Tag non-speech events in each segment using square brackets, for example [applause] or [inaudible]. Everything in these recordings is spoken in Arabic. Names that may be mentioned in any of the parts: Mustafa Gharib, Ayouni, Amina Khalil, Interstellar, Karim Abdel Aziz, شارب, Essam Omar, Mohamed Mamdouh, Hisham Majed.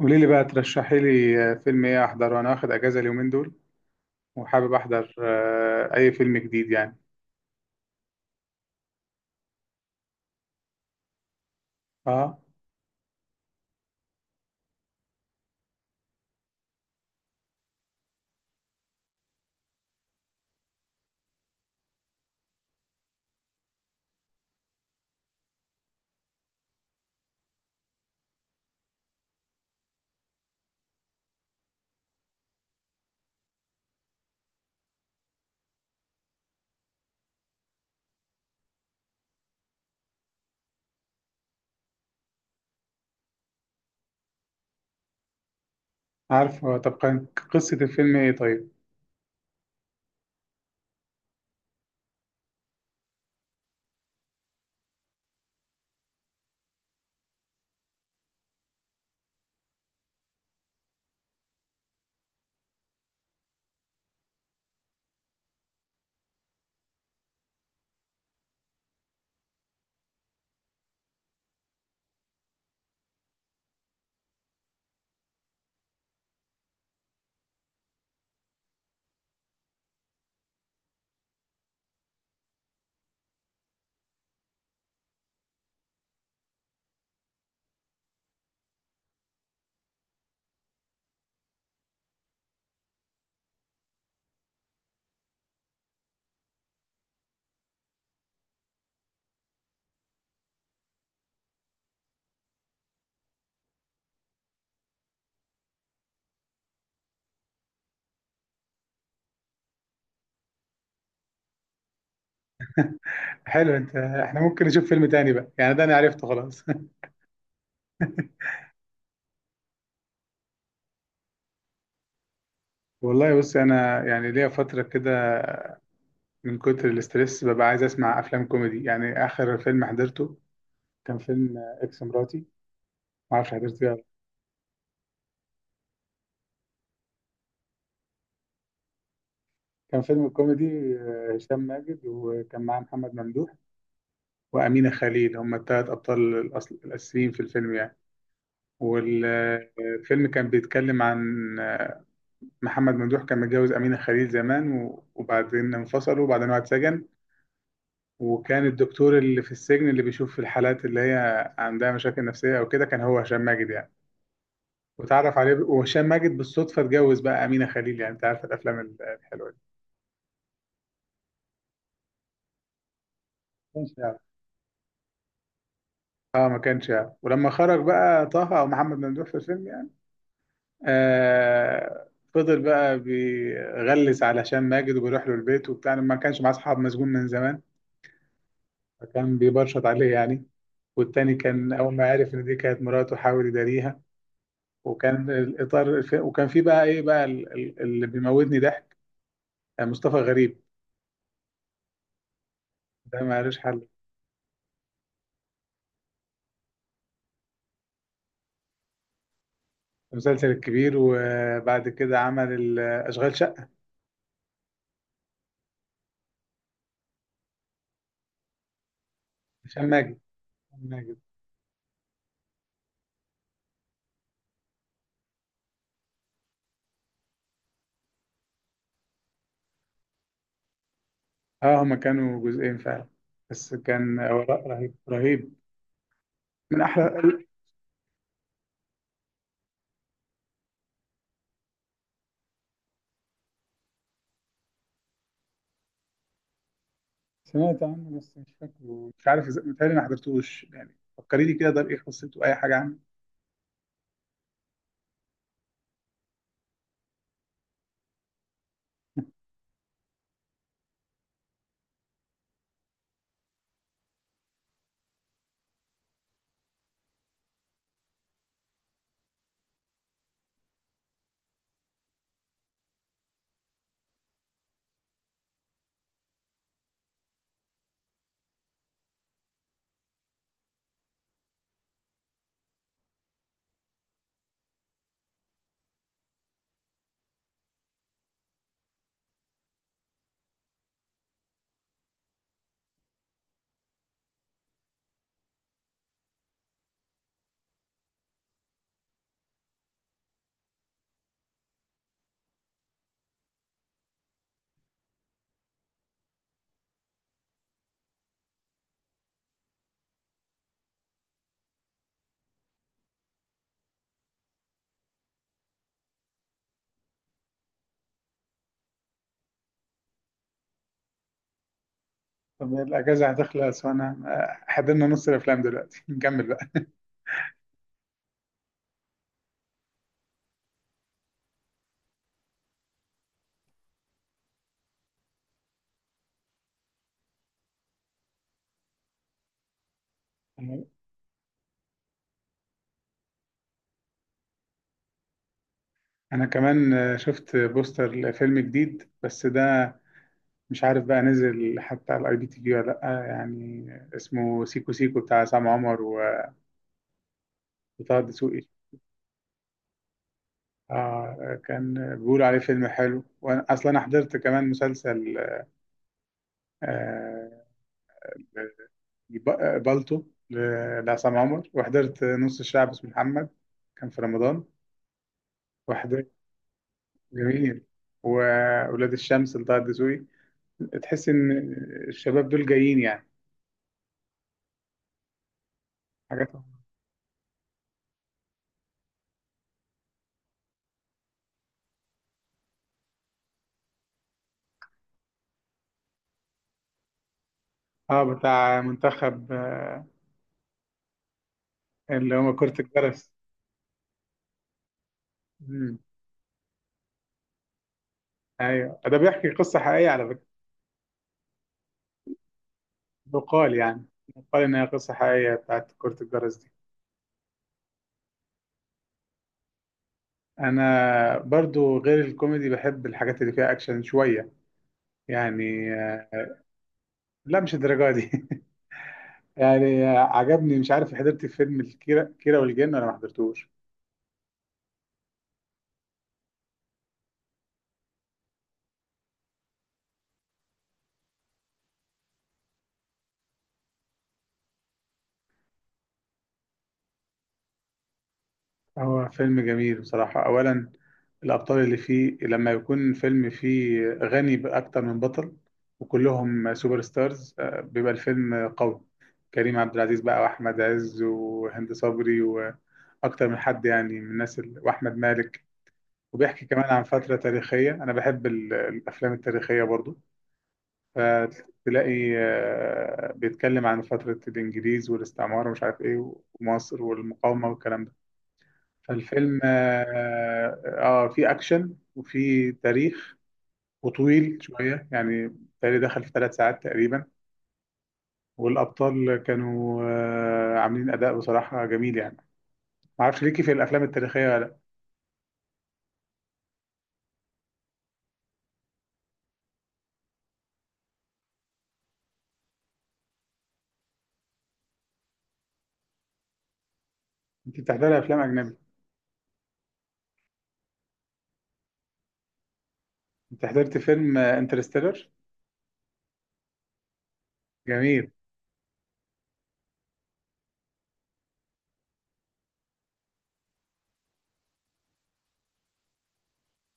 قولي لي بقى ترشحي لي فيلم ايه احضره انا واخد اجازه اليومين دول. وحابب احضر اي فيلم جديد يعني. اه، عارف هو. طب كان قصه الفيلم ايه طيب؟ حلو انت. [laughs] احنا ممكن نشوف فيلم تاني بقى يعني، ده انا عرفته خلاص. [laughs] والله بص، انا يعني ليا فتره كده من كتر الاسترس ببقى عايز اسمع افلام كوميدي. يعني اخر فيلم حضرته كان فيلم اكس مراتي. ما اعرفش حضرته ولا لأ. كان فيلم كوميدي، هشام ماجد وكان معاه محمد ممدوح وأمينة خليل، هم الثلاث أبطال الأصل الأساسيين في الفيلم يعني. والفيلم كان بيتكلم عن محمد ممدوح. كان متجوز أمينة خليل زمان و- وبعدين انفصلوا، وبعدين واحد سجن. وكان الدكتور اللي في السجن اللي بيشوف في الحالات اللي هي عندها مشاكل نفسية أو كده كان هو هشام ماجد يعني. وهشام ماجد بالصدفة اتجوز بقى أمينة خليل. يعني أنت عارف الأفلام الحلوة دي. كانش يعرف. اه، ما كانش يعرف، ولما خرج بقى طه او محمد ممدوح في الفيلم يعني، آه فضل بقى بيغلس على هشام ماجد وبيروح له البيت وبتاع، ما كانش معاه اصحاب مسجون من زمان. فكان بيبرشط عليه يعني. والتاني كان اول ما عرف ان دي كانت مراته حاول يداريها. وكان في بقى ايه بقى، اللي بيموتني ضحك، مصطفى غريب. ده ما لوش حل. المسلسل الكبير، وبعد كده عمل اشغال شقه، هشام ماجد هشام ماجد. اه، هما كانوا جزئين فعلا، بس كان وراء رهيب رهيب. من احلى. سمعت عنه بس مش فاكره، مش عارف متهيألي ما حضرتوش يعني. فكريني كده، ده بايه قصته، اي حاجه عنه. طب الأجازة هتخلص وأنا حضرنا نص الأفلام دلوقتي. [laughs] نكمل بقى. أنا كمان شفت بوستر لفيلم جديد، بس ده مش عارف بقى نزل حتى على IPTV ولا لأ يعني. اسمه سيكو سيكو، بتاع عصام عمر و- وطه دسوقي. كان بيقولوا عليه فيلم حلو. وأنا أصلا حضرت كمان مسلسل، آه بالطو، لعصام عمر. وحضرت نص الشعب، اسمه محمد، كان في رمضان. جميل. وولاد الشمس لطه الدسوقي. تحس ان الشباب دول جايين يعني، حاجاتهم. اه بتاع منتخب، اللي هو كرة الجرس. مم. ايوه، ده بيحكي قصة حقيقية على فكرة. يقال يعني، يقال ان هي قصة حقيقية بتاعت كرة الجرس دي. انا برضو غير الكوميدي بحب الحاجات اللي فيها اكشن شوية، يعني لا مش الدرجة دي. [laughs] يعني عجبني. مش عارف حضرت فيلم الكيرة كيرة والجن ولا ما حضرتوش. هو فيلم جميل بصراحة. أولا، الأبطال اللي فيه، لما يكون فيلم فيه غني بأكتر من بطل وكلهم سوبر ستارز، بيبقى الفيلم قوي. كريم عبد العزيز بقى، وأحمد عز، وهند صبري، وأكتر من حد يعني من الناس وأحمد مالك. وبيحكي كمان عن فترة تاريخية. أنا بحب الأفلام التاريخية برضو. فتلاقي بيتكلم عن فترة الإنجليز والاستعمار ومش عارف إيه، ومصر والمقاومة والكلام ده. فالفيلم فيه أكشن وفيه تاريخ، وطويل شوية يعني. تاريخ دخل في 3 ساعات تقريبا. والأبطال كانوا عاملين أداء بصراحة جميل يعني. ما أعرفش ليكي في الأفلام التاريخية ولا لأ. أنت بتحضري أفلام أجنبي؟ أنت حضرت فيلم انترستيلر؟ جميل.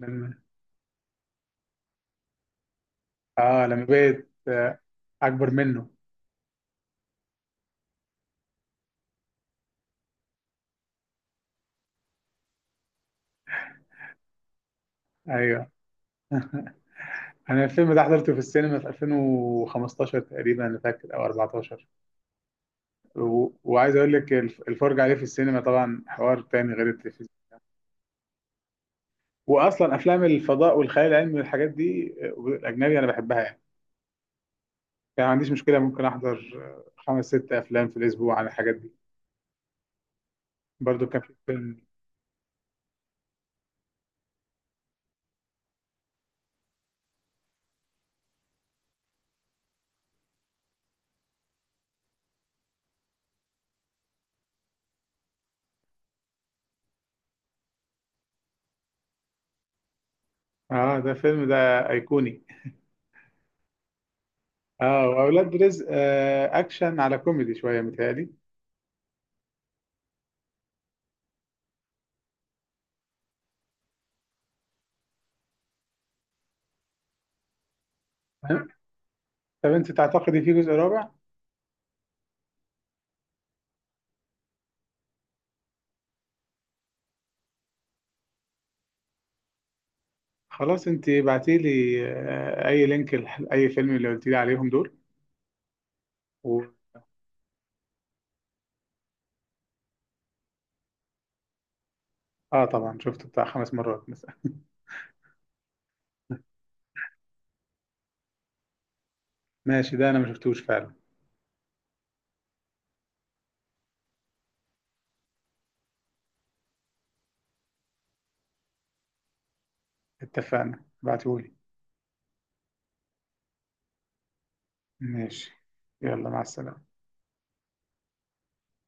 لما لما بقيت، أكبر منه. أيوه. [laughs] أنا الفيلم ده حضرته في السينما في 2015 تقريبا، أنا فاكر، أو 14. و- وعايز اقول لك، الفرج عليه في السينما طبعا حوار تاني غير التلفزيون. واصلا افلام الفضاء والخيال العلمي والحاجات دي، الاجنبي انا بحبها يعني. يعني ما عنديش مشكله، ممكن احضر خمس ست افلام في الاسبوع عن الحاجات دي. برضو كان في فيلم. اه، ده فيلم، ده ايقوني. اه، واولاد رزق اكشن على كوميدي شويه متهيألي. تمام. طب انت تعتقدي في جزء رابع؟ خلاص، انت بعتي لي اي لينك لاي فيلم اللي قلت لي عليهم دول و... اه طبعا شفته بتاع خمس مرات مثلا. ماشي، ده انا ما شفتوش فعلا. اتفقنا، ابعتهولي. ماشي. يلا، مع السلامة.